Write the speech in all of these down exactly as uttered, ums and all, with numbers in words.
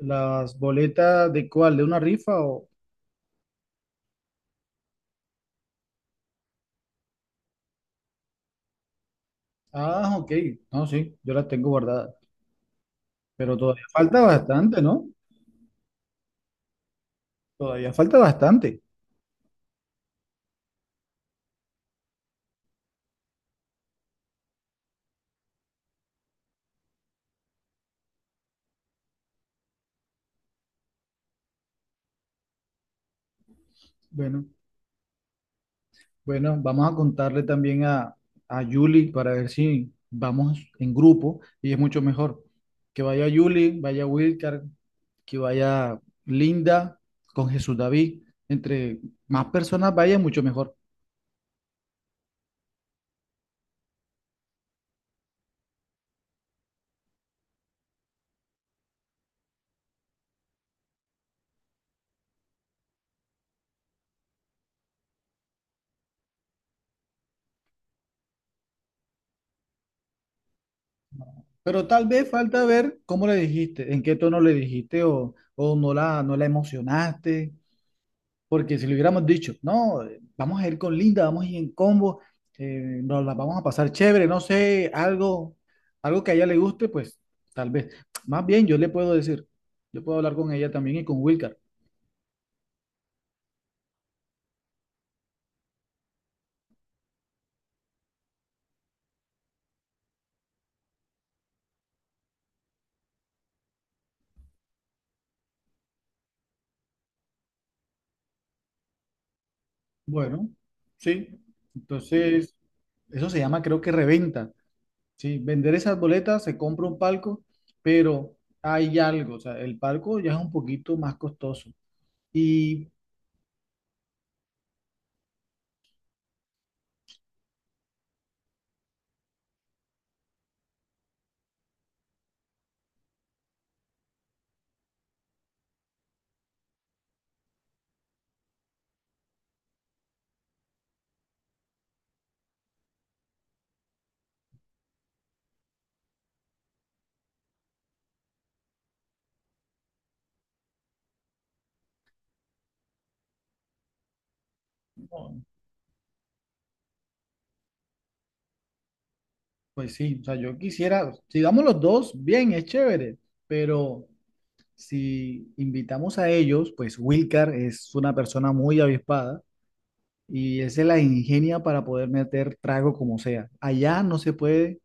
¿Las boletas de cuál? ¿De una rifa o...? Ah, ok. No, sí, yo las tengo guardadas. Pero todavía falta bastante, ¿no? Todavía falta bastante. Bueno, bueno, vamos a contarle también a, a Yuli para ver si vamos en grupo y es mucho mejor. Que vaya Yuli, vaya Wilcar, que vaya Linda con Jesús David. Entre más personas vaya, mucho mejor. Pero tal vez falta ver cómo le dijiste, en qué tono le dijiste o, o no la, no la emocionaste. Porque si le hubiéramos dicho, no, eh, vamos a ir con Linda, vamos a ir en combo, eh, nos la vamos a pasar chévere, no sé, algo, algo que a ella le guste, pues tal vez. Más bien, yo le puedo decir, yo puedo hablar con ella también y con Wilcar. Bueno, sí, entonces, eso se llama, creo que reventa, ¿sí? Vender esas boletas, se compra un palco, pero hay algo, o sea, el palco ya es un poquito más costoso. Y no. Pues sí, o sea, yo quisiera, si damos los dos, bien, es chévere, pero si invitamos a ellos, pues Wilcar es una persona muy avispada y él se la ingenia para poder meter trago como sea. Allá no se puede,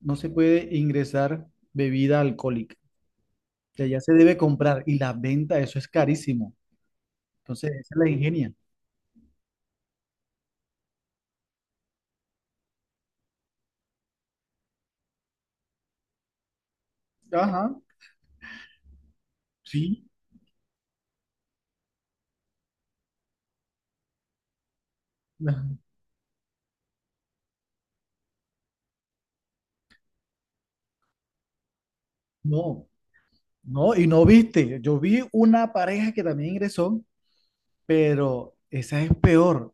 no se puede ingresar bebida alcohólica, que allá se debe comprar y la venta, eso es carísimo. Entonces, él se la ingenia. Ajá, sí. No, no, y no viste, yo vi una pareja que también ingresó. Pero esa es peor.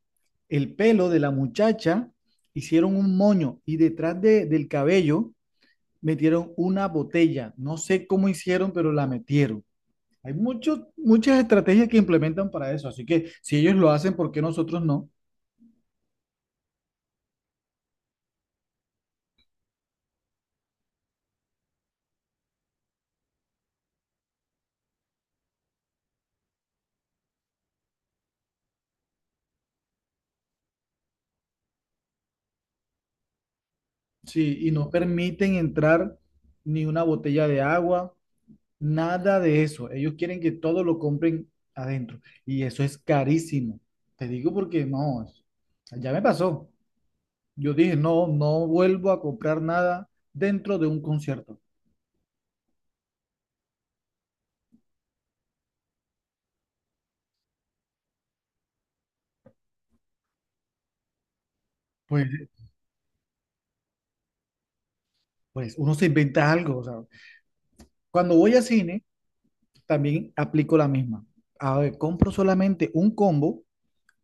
El pelo de la muchacha hicieron un moño y detrás de- del cabello metieron una botella. No sé cómo hicieron, pero la metieron. Hay muchos muchas estrategias que implementan para eso. Así que si ellos lo hacen, ¿por qué nosotros no? Sí, y no permiten entrar ni una botella de agua, nada de eso. Ellos quieren que todo lo compren adentro. Y eso es carísimo. Te digo porque no, ya me pasó. Yo dije, no, no vuelvo a comprar nada dentro de un concierto. Pues, pues uno se inventa algo, o sea, cuando voy a cine, también aplico la misma. A ver, compro solamente un combo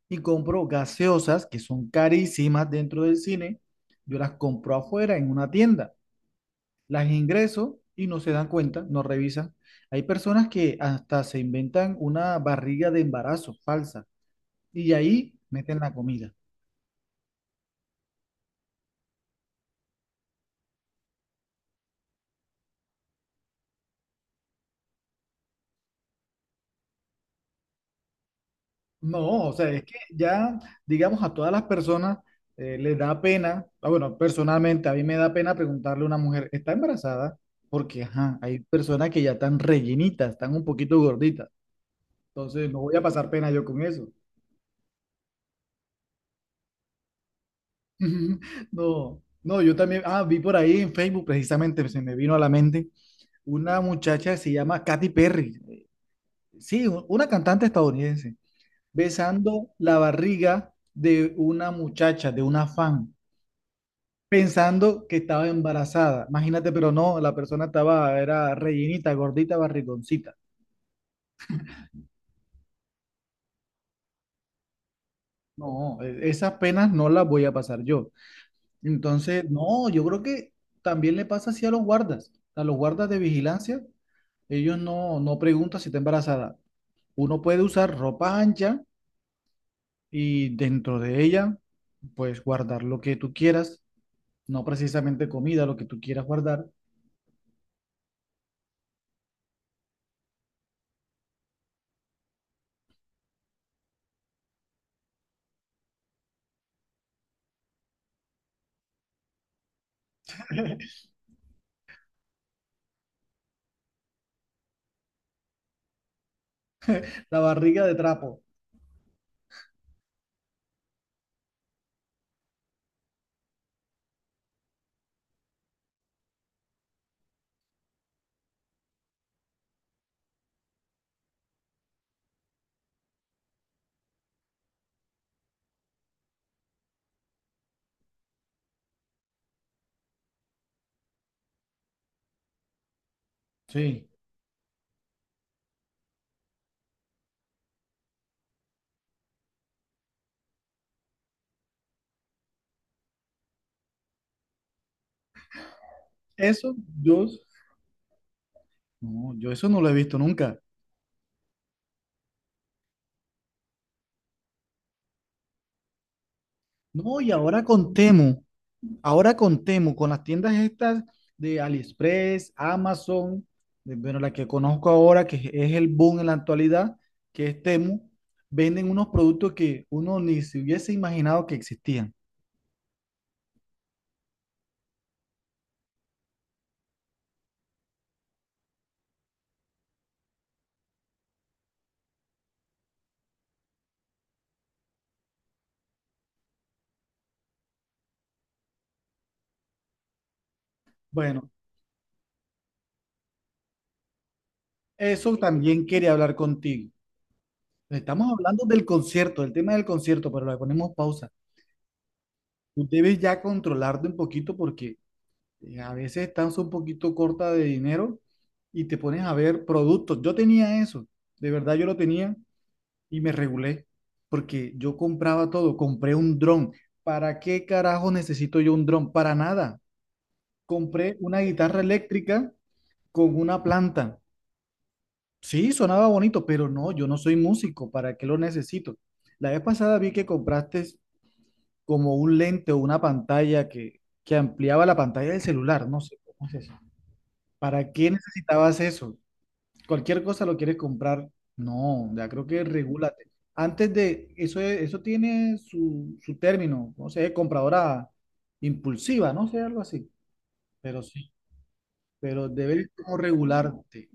y compro gaseosas que son carísimas dentro del cine. Yo las compro afuera en una tienda. Las ingreso y no se dan cuenta, no revisan. Hay personas que hasta se inventan una barriga de embarazo falsa y ahí meten la comida. No, o sea, es que ya, digamos, a todas las personas eh, les da pena, ah, bueno, personalmente a mí me da pena preguntarle a una mujer, ¿está embarazada? Porque, ajá, hay personas que ya están rellenitas, están un poquito gorditas, entonces no voy a pasar pena yo con eso. No, no, yo también, ah, vi por ahí en Facebook, precisamente se me vino a la mente, una muchacha que se llama Katy Perry, eh, sí, u- una cantante estadounidense, besando la barriga de una muchacha, de una fan, pensando que estaba embarazada. Imagínate, pero no, la persona estaba, era rellenita, gordita, barrigoncita. No, e- esas penas no las voy a pasar yo. Entonces, no, yo creo que también le pasa así a los guardas. A los guardas de vigilancia, ellos no, no preguntan si está embarazada. Uno puede usar ropa ancha y dentro de ella, pues guardar lo que tú quieras, no precisamente comida, lo que tú quieras guardar. La barriga de trapo. Sí. Eso, yo No, yo eso no lo he visto nunca. No, y ahora con Temu, ahora con Temu, con las tiendas estas de AliExpress, Amazon, de- bueno, la que conozco ahora, que es el boom en la actualidad, que es Temu, venden unos productos que uno ni se hubiese imaginado que existían. Bueno, eso también quería hablar contigo. Estamos hablando del concierto, del tema del concierto, pero le ponemos pausa. Tú debes ya controlarte un poquito porque eh, a veces estás un poquito corta de dinero y te pones a ver productos. Yo tenía eso, de verdad yo lo tenía y me regulé porque yo compraba todo, compré un dron. ¿Para qué carajo necesito yo un dron? Para nada. Compré una guitarra eléctrica con una planta. Sí, sonaba bonito, pero no, yo no soy músico, ¿para qué lo necesito? La vez pasada vi que compraste como un lente o una pantalla que, que ampliaba la pantalla del celular, no sé cómo se... ¿Para qué necesitabas eso? Cualquier cosa lo quieres comprar. No, ya creo que regúlate. Antes de eso, es- eso tiene su, su término, no sé, compradora impulsiva, no sé, algo así. Pero sí, pero debes como regularte.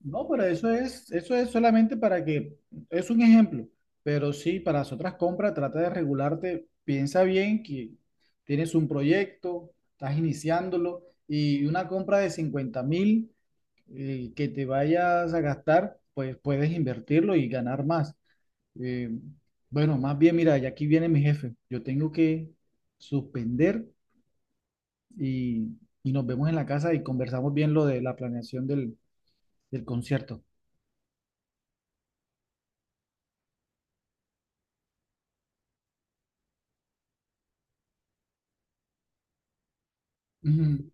No, pero eso es, eso es solamente para que, es un ejemplo, pero sí, para las otras compras trata de regularte, piensa bien que tienes un proyecto, estás iniciándolo y una compra de cincuenta mil eh, que te vayas a gastar, pues puedes invertirlo y ganar más. Eh, bueno, más bien, mira, ya aquí viene mi jefe. Yo tengo que suspender y, y nos vemos en la casa y conversamos bien lo de la planeación del, del concierto.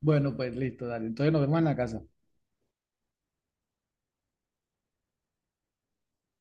Bueno, pues listo, dale. Entonces nos vemos en la casa.